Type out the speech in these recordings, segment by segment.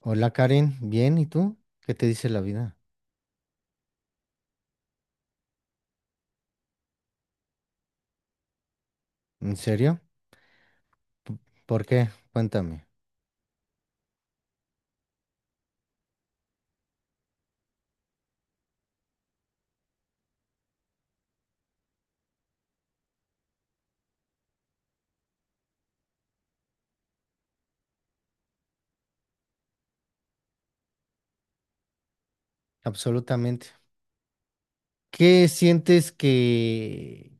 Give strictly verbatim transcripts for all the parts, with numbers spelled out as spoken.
Hola Karin, bien, ¿y tú? ¿Qué te dice la vida? ¿En serio? P- ¿Por qué? Cuéntame. Absolutamente. ¿Qué sientes que,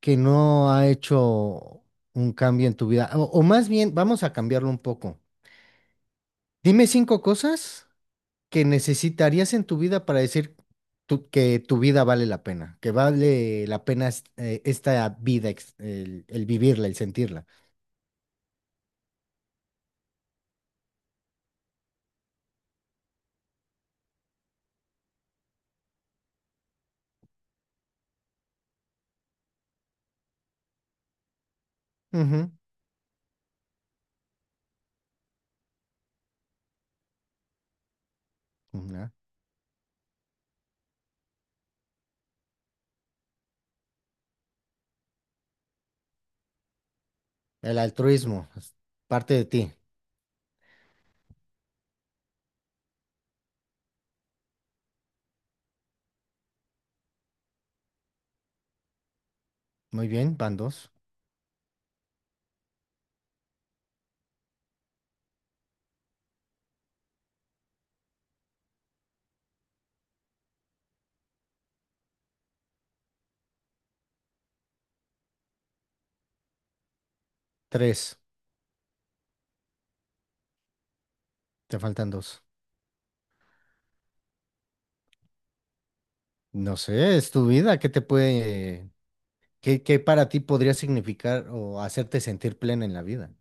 que no ha hecho un cambio en tu vida? O, o más bien, vamos a cambiarlo un poco. Dime cinco cosas que necesitarías en tu vida para decir tu- que tu vida vale la pena, que vale la pena es- eh, esta vida, ex- el, el vivirla, el sentirla. Ujú. Una. El altruismo, es parte de ti. Muy bien, van dos. Tres. Te faltan dos. No sé, es tu vida. ¿Qué te puede, qué, qué para ti podría significar o hacerte sentir plena en la vida?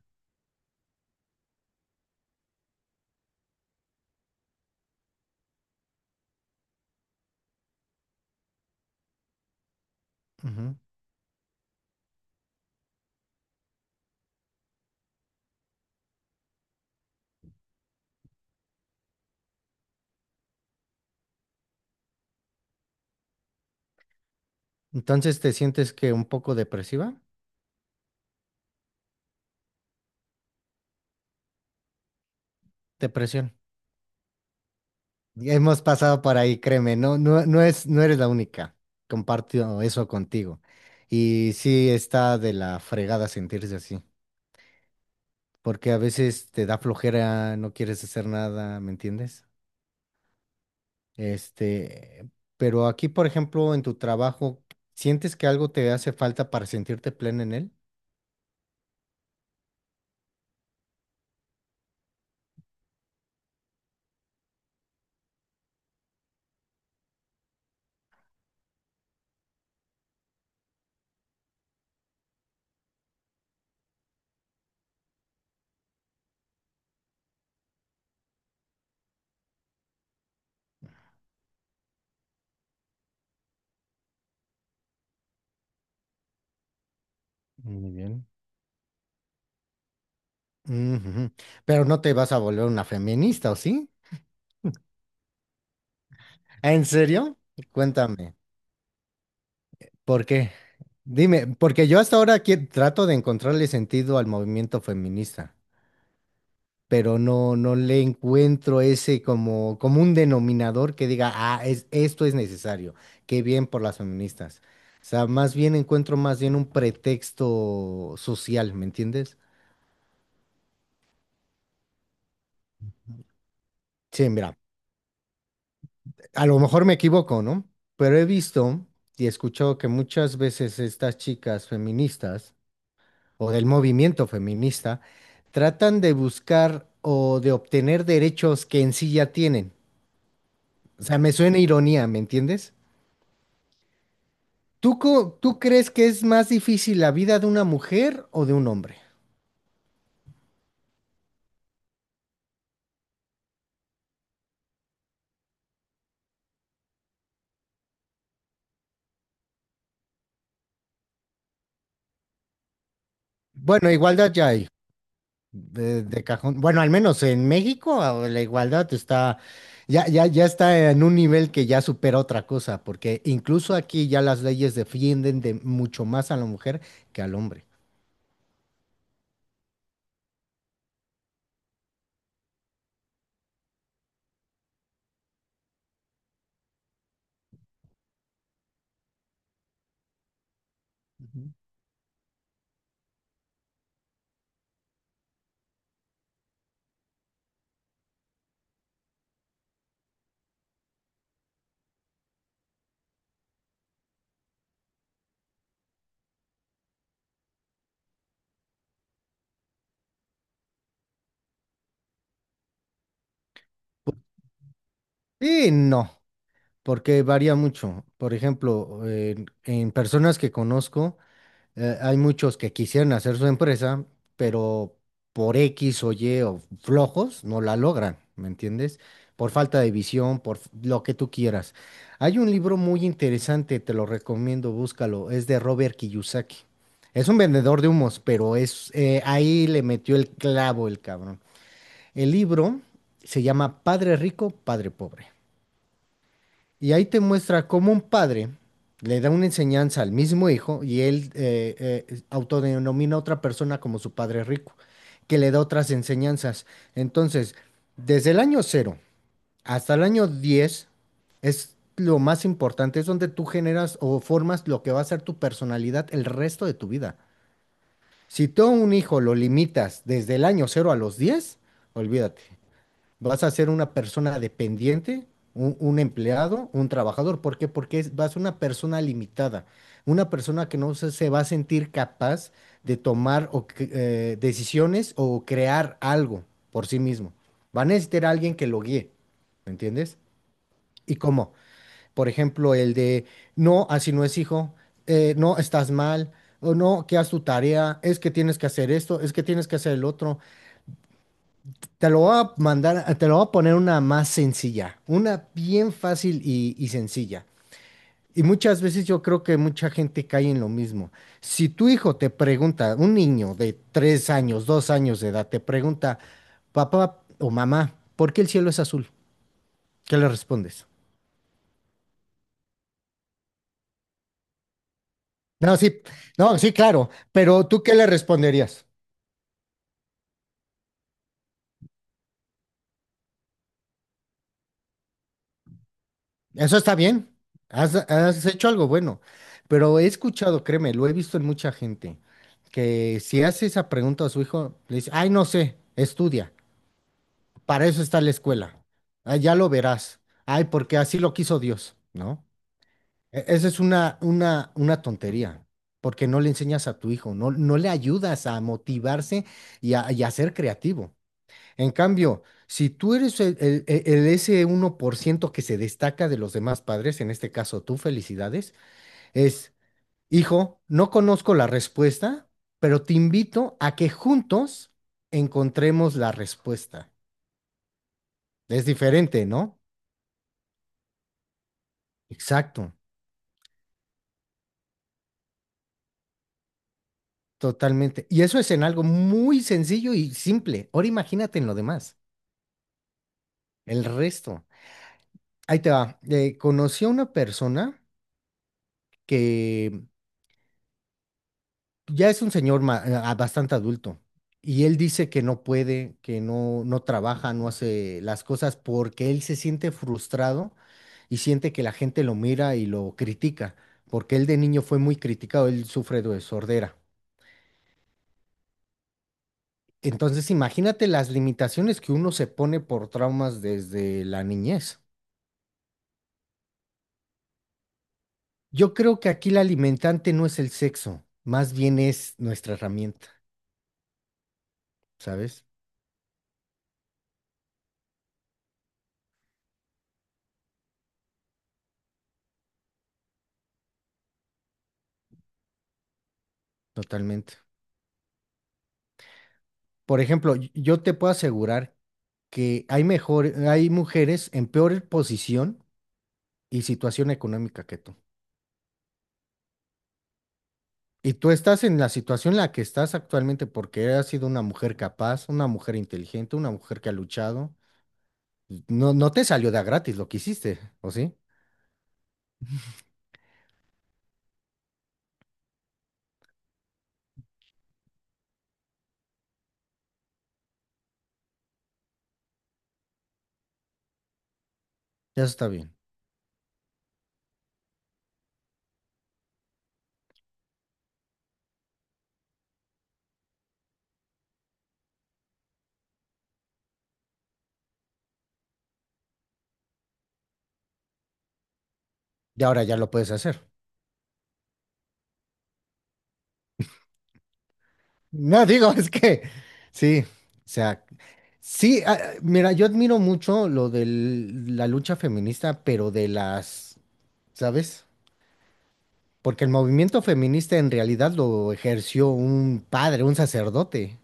Ujú. Entonces, ¿te sientes que un poco depresiva? Depresión. Ya hemos pasado por ahí, créeme, no, no, no es, no eres la única. Comparto eso contigo. Y sí está de la fregada sentirse así, porque a veces te da flojera, no quieres hacer nada, ¿me entiendes? Este, pero aquí, por ejemplo, en tu trabajo, ¿sientes que algo te hace falta para sentirte plena en él? Muy bien. Ujú. Pero no te vas a volver una feminista, ¿o sí? ¿En serio? Cuéntame, ¿por qué? Dime, porque yo hasta ahora aquí trato de encontrarle sentido al movimiento feminista. Pero no, no le encuentro ese como, como un denominador que diga, ah, es, esto es necesario, qué bien por las feministas. O sea, más bien encuentro más bien un pretexto social, ¿me entiendes? Sí, mira, a lo mejor me equivoco, ¿no? Pero he visto y he escuchado que muchas veces estas chicas feministas o del movimiento feminista tratan de buscar o de obtener derechos que en sí ya tienen. O sea, me suena ironía, ¿me entiendes? ¿Tú, co- tú crees que es más difícil la vida de una mujer o de un hombre? Bueno, igualdad ya hay, de, de cajón. Bueno, al menos en México ah, la igualdad está, ya, ya, ya está en un nivel que ya supera otra cosa, porque incluso aquí ya las leyes defienden de mucho más a la mujer que al hombre. Ujú. Sí, no, porque varía mucho. Por ejemplo, en en personas que conozco. Eh, hay muchos que quisieran hacer su empresa, pero por X o Y o flojos no la logran, ¿me entiendes? Por falta de visión, por f- lo que tú quieras. Hay un libro muy interesante, te lo recomiendo, búscalo, es de Robert Kiyosaki. Es un vendedor de humos, pero es eh, ahí le metió el clavo el cabrón. El libro se llama Padre Rico, Padre Pobre. Y ahí te muestra cómo un padre le da una enseñanza al mismo hijo y él eh, eh, autodenomina a otra persona como su padre rico, que le da otras enseñanzas. Entonces, desde el año cero hasta el año diez es lo más importante, es donde tú generas o formas lo que va a ser tu personalidad el resto de tu vida. Si tú a un hijo lo limitas desde el año cero a los diez, olvídate, vas a ser una persona dependiente, un, un empleado, un trabajador. ¿Por qué? Porque es- vas a ser una persona limitada, una persona que no se, se va a sentir capaz de tomar o que- eh, decisiones o crear algo por sí mismo. Va a necesitar a alguien que lo guíe, ¿me entiendes? ¿Y cómo? Por ejemplo, el de, no, así no es hijo, eh, no, estás mal. O no, que haz tu tarea, es que tienes que hacer esto, es que tienes que hacer el otro, te lo voy a mandar, te lo voy a poner una más sencilla, una bien fácil y, y sencilla. Y muchas veces yo creo que mucha gente cae en lo mismo. Si tu hijo te pregunta, un niño de tres años, dos años de edad, te pregunta, papá o mamá, ¿por qué el cielo es azul? ¿Qué le respondes? No, sí, no, sí, claro, pero ¿tú qué le responderías? Eso está bien. Has, has hecho algo bueno. Pero he escuchado, créeme, lo he visto en mucha gente, que si hace esa pregunta a su hijo, le dice, ay, no sé, estudia. Para eso está la escuela. Ah, ya lo verás. Ay, porque así lo quiso Dios, ¿no? E- Esa es una, una, una tontería, porque no le enseñas a tu hijo, no, no le ayudas a motivarse y a, y a ser creativo. En cambio, si tú eres el, el- el- el ese uno por ciento que se destaca de los demás padres, en este caso tú, felicidades, es, hijo, no conozco la respuesta, pero te invito a que juntos encontremos la respuesta. Es diferente, ¿no? Exacto, totalmente. Y eso es en algo muy sencillo y simple. Ahora imagínate en lo demás, el resto. Ahí te va. Eh, conocí a una persona que ya es un señor ma- ah, bastante adulto, y él dice que no puede, que no, no trabaja, no hace las cosas porque él se siente frustrado y siente que la gente lo mira y lo critica, porque él de niño fue muy criticado, él sufre de sordera. Entonces, imagínate las limitaciones que uno se pone por traumas desde la niñez. Yo creo que aquí la alimentante no es el sexo, más bien es nuestra herramienta, ¿sabes? Totalmente. Por ejemplo, y- yo te puedo asegurar que hay mejor, hay mujeres en peor posición y situación económica que tú. Y tú estás en la situación en la que estás actualmente porque has sido una mujer capaz, una mujer inteligente, una mujer que ha luchado. No, no te salió de a gratis lo que hiciste, ¿o sí? Ya está bien. Y ahora ya lo puedes hacer. No, digo, es que sí, o sea, sí, ah, ah, mira, yo admiro mucho lo de la lucha feminista, pero de las, ¿sabes? Porque el movimiento feminista en realidad lo ejerció un padre, un sacerdote,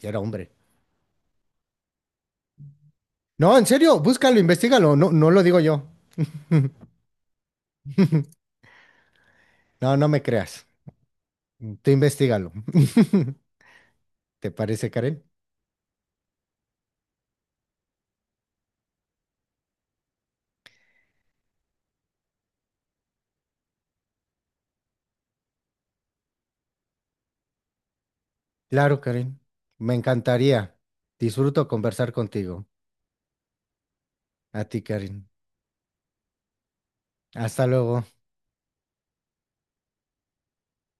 y era hombre. No, en serio, búscalo, investigalo. No, no lo digo yo. No, no me creas. Tú investigalo. ¿Te parece, Karen? Claro, Karen. Me encantaría. Disfruto conversar contigo. A ti, Karen. Hasta luego.